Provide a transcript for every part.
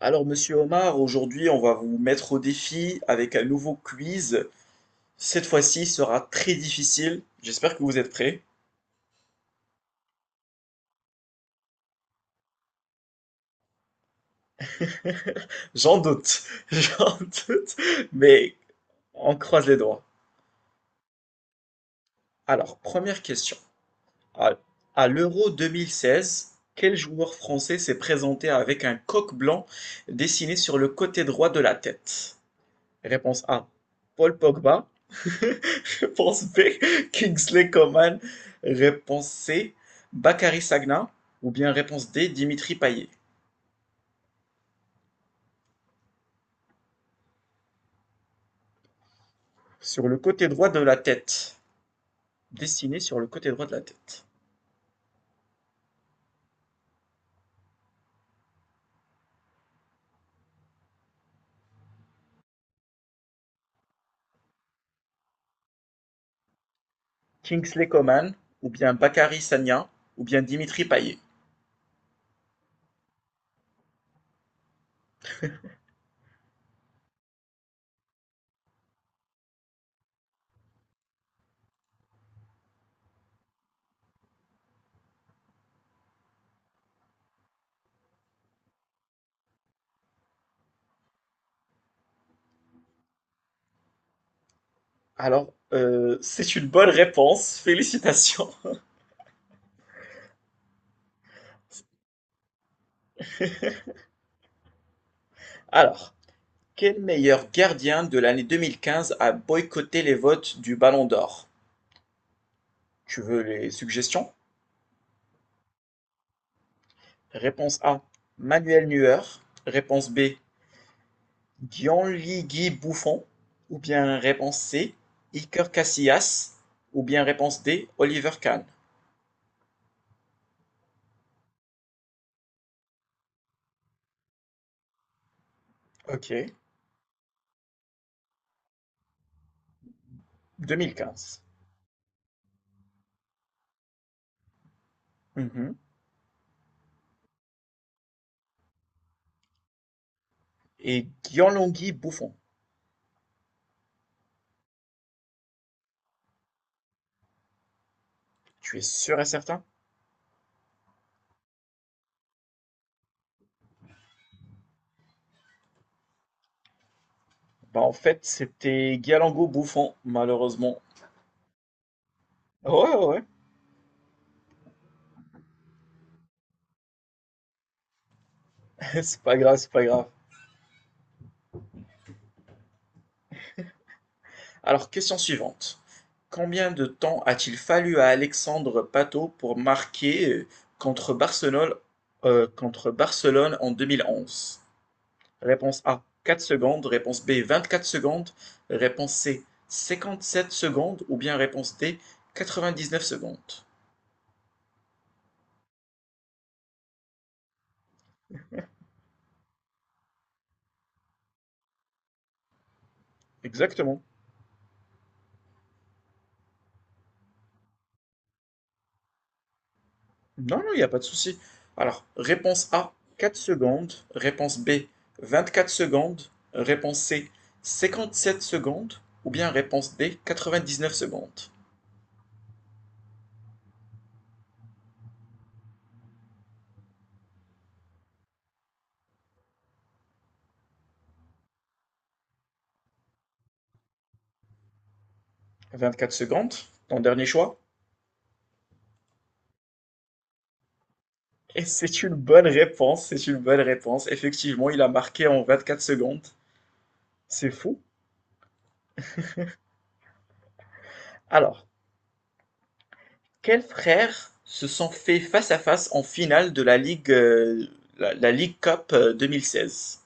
Alors, monsieur Omar, aujourd'hui, on va vous mettre au défi avec un nouveau quiz. Cette fois-ci il sera très difficile. J'espère que vous êtes prêts. J'en doute, j'en doute, mais on croise les doigts. Alors, première question. À, à l'Euro 2016, quel joueur français s'est présenté avec un coq blanc dessiné sur le côté droit de la tête? Réponse A, Paul Pogba. Réponse B, Kingsley Coman. Réponse C, Bakary Sagna. Ou bien réponse D, Dimitri Payet. Sur le côté droit de la tête. Dessiné sur le côté droit de la tête. Kingsley Coman, ou bien Bakary Sagna, ou bien Dimitri Payet. Alors, c'est une bonne réponse. Félicitations. Alors, quel meilleur gardien de l'année 2015 a boycotté les votes du Ballon d'Or? Tu veux les suggestions? Réponse A, Manuel Neuer. Réponse B, Gianluigi Buffon, ou bien réponse C, Iker Casillas, ou bien réponse D, Oliver Kahn. Ok, 2015. Mhm. Et Gianluigi Buffon, tu es sûr et certain? Bah en fait, c'était Gianluigi Buffon, malheureusement. Ouais, ouais, ouais. C'est pas grave, c'est pas grave. Alors, question suivante. Combien de temps a-t-il fallu à Alexandre Pato pour marquer contre Barcelone, contre Barcelone en 2011? Réponse A, 4 secondes. Réponse B, 24 secondes. Réponse C, 57 secondes. Ou bien réponse D, 99 secondes. Exactement. Non, non, il n'y a pas de souci. Alors, réponse A, 4 secondes. Réponse B, 24 secondes. Réponse C, 57 secondes. Ou bien réponse D, 99 secondes. 24 secondes, ton dernier choix. Et c'est une bonne réponse, c'est une bonne réponse. Effectivement, il a marqué en 24 secondes. C'est fou. Alors, quels frères se sont fait face-à-face en finale de la Ligue Cup 2016?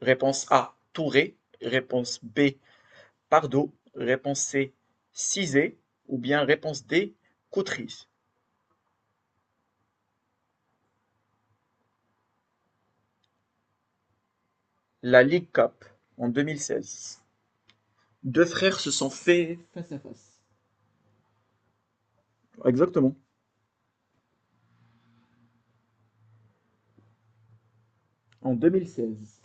Réponse A, Touré. Réponse B, Pardo. Réponse C, Cizé. Ou bien réponse D, Coutry. La Ligue Cup en 2016. Deux frères se sont fait face à face. Exactement. En 2016.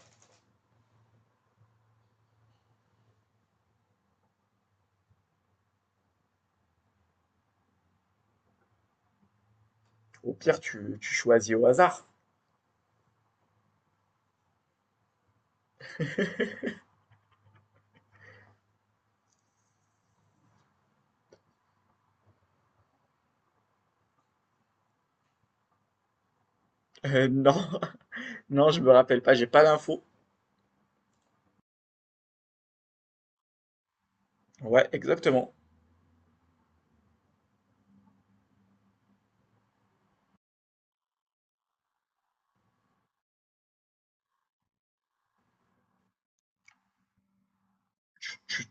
Au pire, tu choisis au hasard. Non, non, je me rappelle pas, j'ai pas d'infos. Ouais, exactement. Tu, tu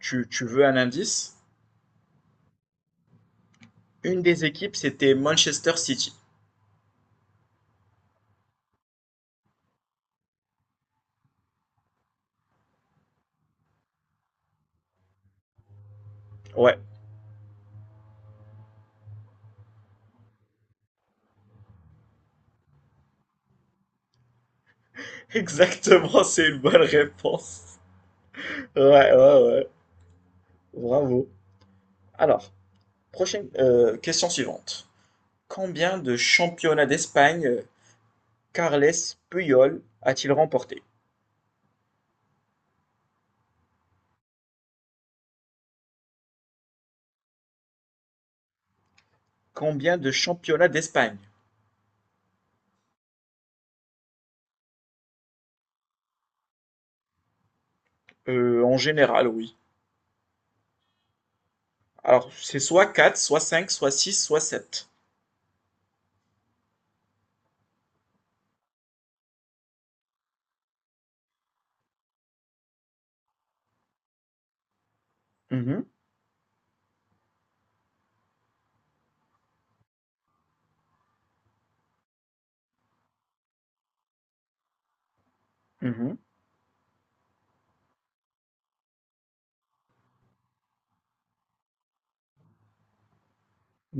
tu veux un indice? Une des équipes, c'était Manchester City. Ouais, exactement, c'est une bonne réponse. Ouais, ouais, ouais. Bravo. Alors, prochaine question suivante. Combien de championnats d'Espagne Carles Puyol a-t-il remporté? Combien de championnats d'Espagne? En général, oui. Alors, c'est soit 4, soit 5, soit six, soit sept. Mhm, mhm.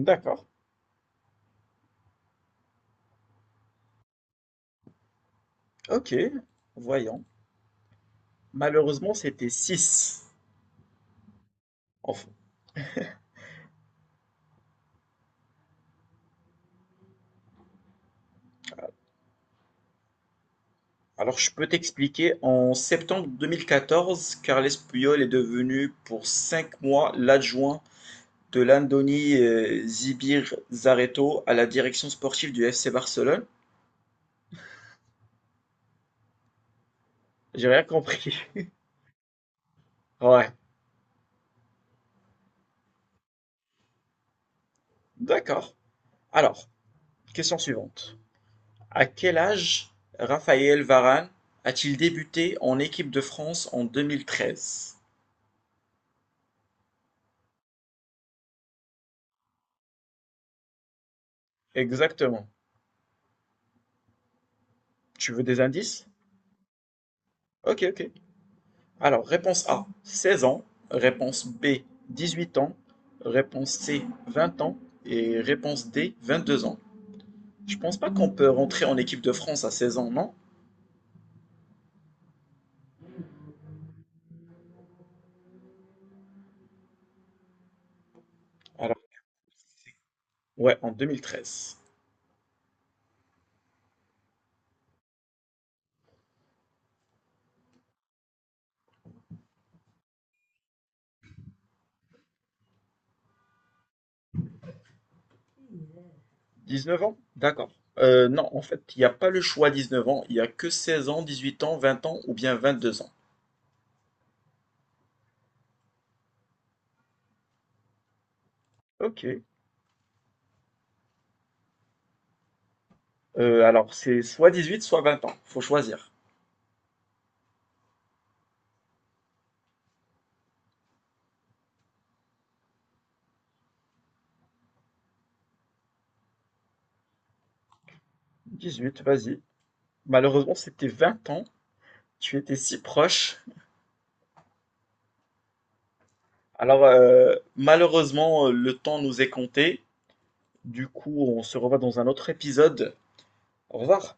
D'accord. Ok, voyons. Malheureusement, c'était 6. Alors, je peux t'expliquer. En septembre 2014, Carles Puyol est devenu pour 5 mois l'adjoint de Landoni Zibir-Zaretto à la direction sportive du FC Barcelone. J'ai rien compris. Ouais, d'accord. Alors, question suivante. À quel âge Raphaël Varane a-t-il débuté en équipe de France en 2013? Exactement. Tu veux des indices? Ok, ok. Alors, réponse A, 16 ans. Réponse B, 18 ans. Réponse C, 20 ans. Et réponse D, 22 ans. Je pense pas qu'on peut rentrer en équipe de France à 16 ans, non? Alors, ouais, en 2013. 19 ans? D'accord. Non, en fait, il n'y a pas le choix 19 ans. Il n'y a que 16 ans, 18 ans, 20 ans ou bien 22 ans. Ok. Alors, c'est soit 18 soit 20 ans. Faut choisir. Dix-huit, vas-y. Malheureusement, c'était 20 ans. Tu étais si proche. Alors, malheureusement, le temps nous est compté. Du coup, on se revoit dans un autre épisode. Au revoir.